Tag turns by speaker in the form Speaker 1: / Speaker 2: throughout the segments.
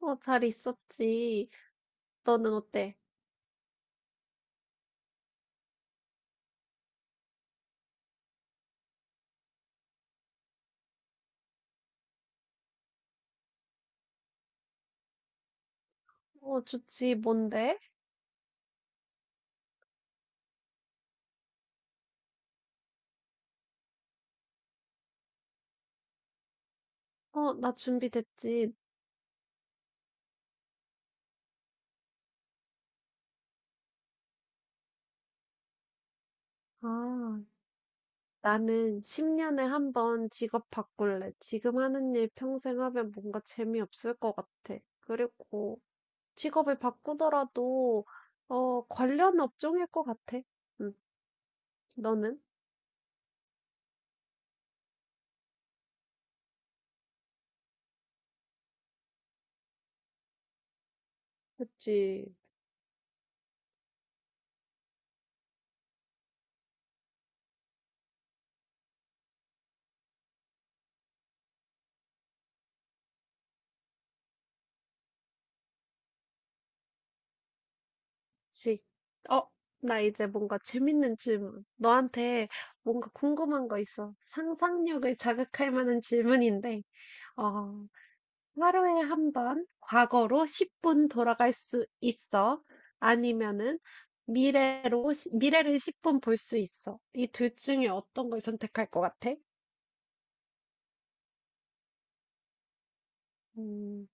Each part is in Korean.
Speaker 1: 어, 잘 있었지. 너는 어때? 어, 좋지. 뭔데? 어, 나 준비됐지. 아, 나는 10년에 한 번 직업 바꿀래. 지금 하는 일 평생 하면 뭔가 재미없을 것 같아. 그리고 직업을 바꾸더라도, 관련 업종일 것 같아. 응, 너는? 그치. 지. 어, 나 이제 뭔가 재밌는 질문. 너한테 뭔가 궁금한 거 있어. 상상력을 자극할 만한 질문인데. 어, 하루에 한 번 과거로 10분 돌아갈 수 있어. 아니면은 미래로 시 미래를 10분 볼 수 있어. 이 둘 중에 어떤 걸 선택할 것 같아? 음.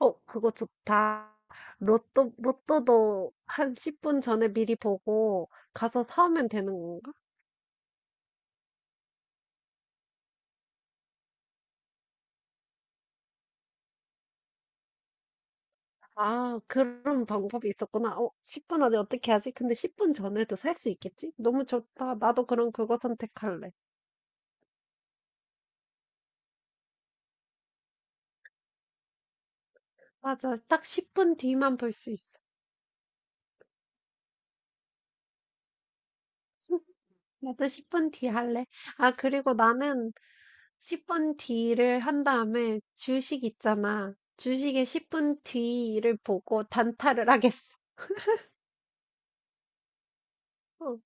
Speaker 1: 어 그거 좋다. 로또도 한 10분 전에 미리 보고 가서 사오면 되는 건가? 아 그런 방법이 있었구나. 어 10분 안에 어떻게 하지? 근데 10분 전에도 살 수 있겠지? 너무 좋다. 나도 그럼 그거 선택할래. 맞아. 딱 10분 뒤만 볼 수 있어. 나도 10분 뒤 할래. 아, 그리고 나는 10분 뒤를 한 다음에 주식 있잖아. 주식의 10분 뒤를 보고 단타를 하겠어. 어,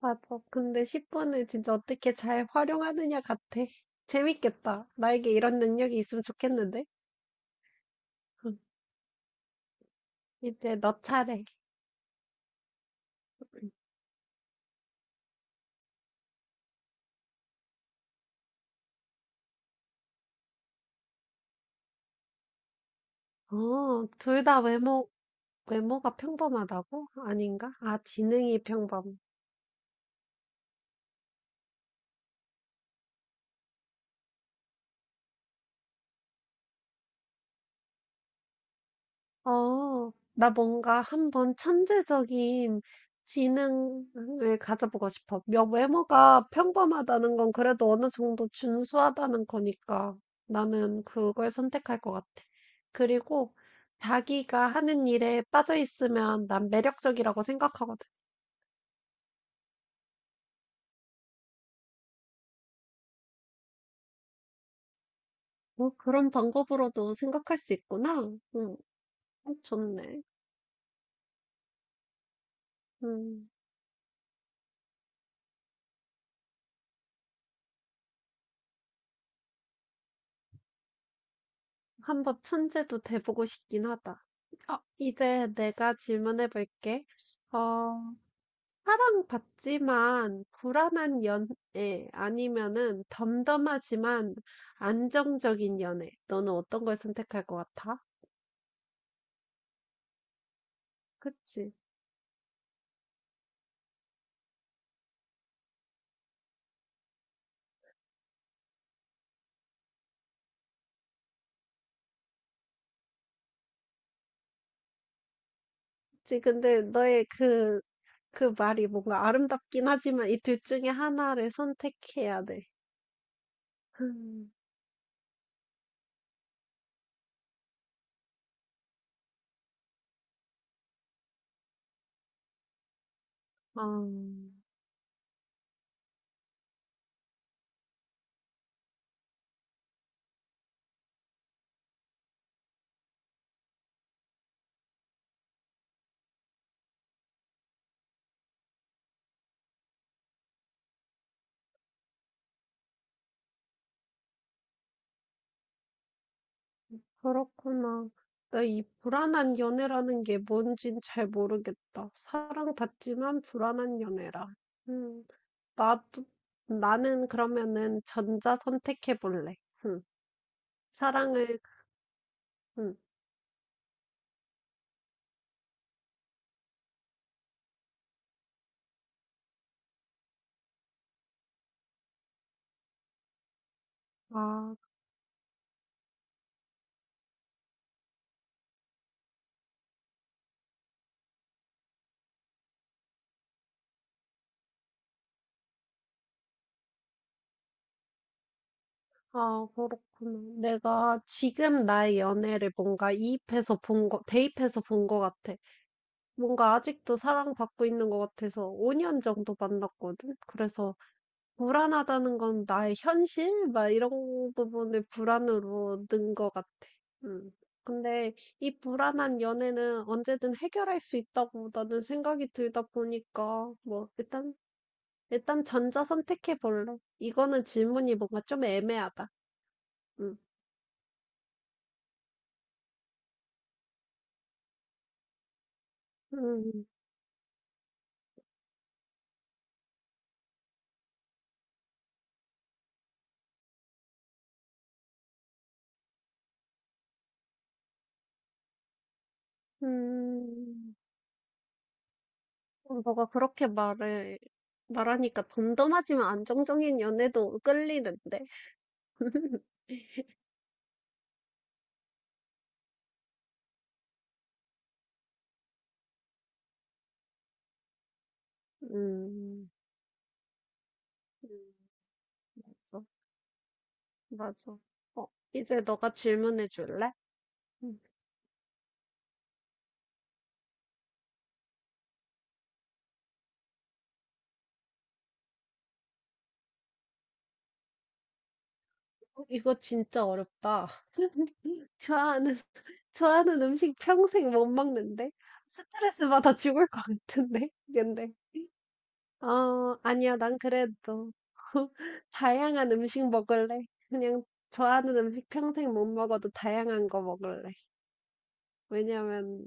Speaker 1: 맞아. 근데 10분을 진짜 어떻게 잘 활용하느냐 같아. 재밌겠다. 나에게 이런 능력이 있으면 좋겠는데? 응, 이제 너 차례. 어, 둘 다 외모가 평범하다고? 아닌가? 아, 지능이 평범. 어, 나 뭔가 한번 천재적인 지능을 가져보고 싶어. 외모가 평범하다는 건 그래도 어느 정도 준수하다는 거니까 나는 그걸 선택할 것 같아. 그리고 자기가 하는 일에 빠져 있으면 난 매력적이라고 생각하거든. 뭐 그런 방법으로도 생각할 수 있구나. 음, 좋네. 음, 한번 천재도 돼보고 싶긴 하다. 어, 이제 내가 질문해 볼게. 어, 사랑받지만 불안한 연애 아니면은 덤덤하지만 안정적인 연애. 너는 어떤 걸 선택할 것 같아? 그치? 그치? 근데 너의 그 말이 뭔가 아름답긴 하지만 이 둘 중에 하나를 선택해야 돼. 음, 아, 그렇구나. 나 이 불안한 연애라는 게 뭔진 잘 모르겠다. 사랑받지만 불안한 연애라. 음. 나도, 나는 그러면은 전자 선택해 볼래. 응. 사랑을, 응. 아, 아, 그렇구나. 내가 지금 나의 연애를 뭔가 이입해서 본 거, 대입해서 본 거 같아. 뭔가 아직도 사랑받고 있는 거 같아서 5년 정도 만났거든. 그래서 불안하다는 건 나의 현실 막 이런 부분을 불안으로 는 것 같아. 음. 근데 이 불안한 연애는 언제든 해결할 수 있다고 나는 생각이 들다 보니까 뭐 일단 전자 선택해 볼래. 이거는 질문이 뭔가 좀 애매하다. 음. 음. 음. 어, 너가 그렇게 말해 말하니까 덤덤하지만 안정적인 연애도 끌리는데. 음. 음. 맞아. 맞아. 어, 이제 너가 질문해 줄래? 응. 어, 이거 진짜 어렵다. 좋아하는, 좋아하는 음식 평생 못 먹는데? 스트레스 받아 죽을 것 같은데? 근데, 아니야, 난 그래도. 다양한 음식 먹을래. 그냥 좋아하는 음식 평생 못 먹어도 다양한 거 먹을래. 왜냐면,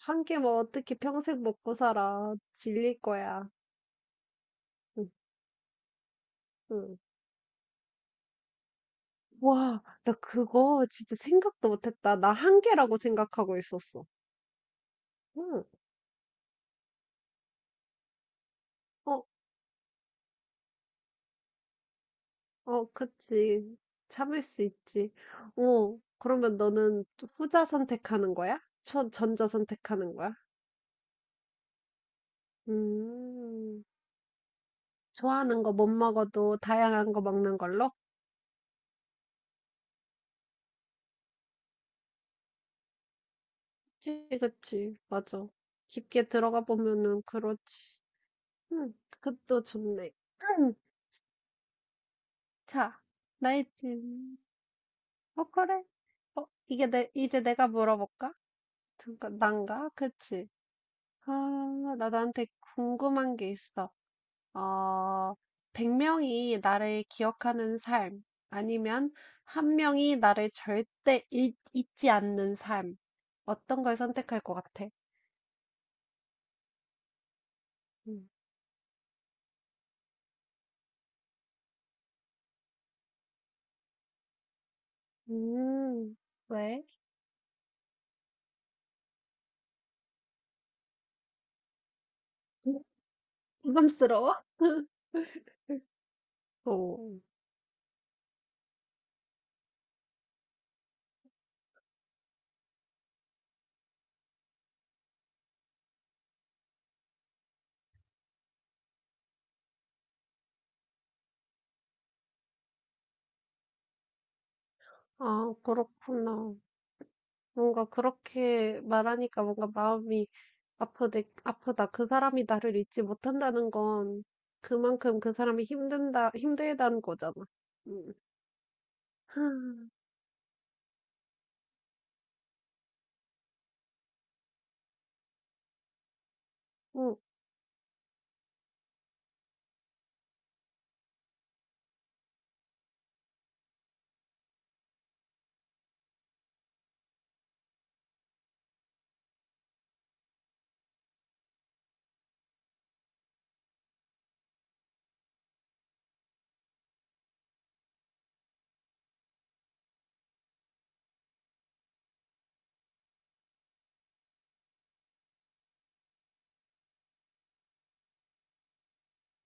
Speaker 1: 한 개 뭐 어떻게 평생 먹고 살아. 질릴 거야. 응, 응. 와. 나 그거 진짜 생각도 못 했다. 나 한계라고 생각하고 있었어. 응. 어 어 그치. 참을 수 있지. 어 그러면 너는 또 후자 선택하는 거야? 전 전자 선택하는 거야? 음. 좋아하는 거 못 먹어도 다양한 거 먹는 걸로? 그치, 그치. 맞아. 깊게 들어가 보면은 그렇지. 응 그것도 좋네. 응, 자 나의 질어 그래. 어 이게 내 이제 내가 물어볼까? 잠깐 난가? 그치. 아, 나 나한테 궁금한 게 있어. 어, 100명이 나를 기억하는 삶, 아니면 한 명이 나를 절대 잊지 않는 삶. 어떤 걸 선택할 것 같아? 음, 음, 왜? 부담스러워? 오, 아, 그렇구나. 뭔가 그렇게 말하니까 뭔가 마음이 아프네 아프다. 그 사람이 나를 잊지 못한다는 건 그만큼 그 사람이 힘들다는 거잖아. 음, 음,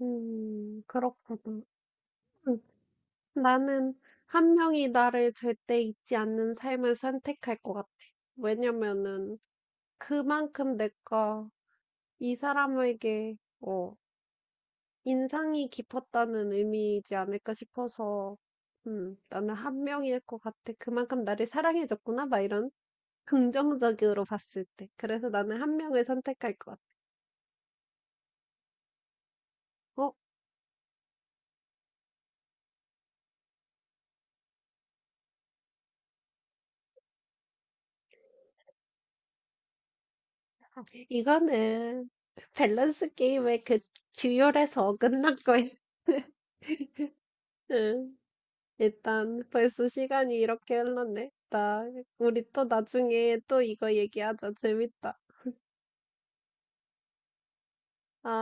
Speaker 1: 그렇구나. 음, 나는 한 명이 나를 절대 잊지 않는 삶을 선택할 것 같아. 왜냐면은 그만큼 내가 이 사람에게 인상이 깊었다는 의미이지 않을까 싶어서, 나는 한 명일 것 같아. 그만큼 나를 사랑해줬구나, 막 이런 긍정적으로 봤을 때. 그래서 나는 한 명을 선택할 것 같아. 어, 이거는 밸런스 게임의 그 규율에서 어긋난 거야. 응, 일단 벌써 시간이 이렇게 흘렀네. 나, 우리 또 나중에 또 이거 얘기하자. 재밌다. 아.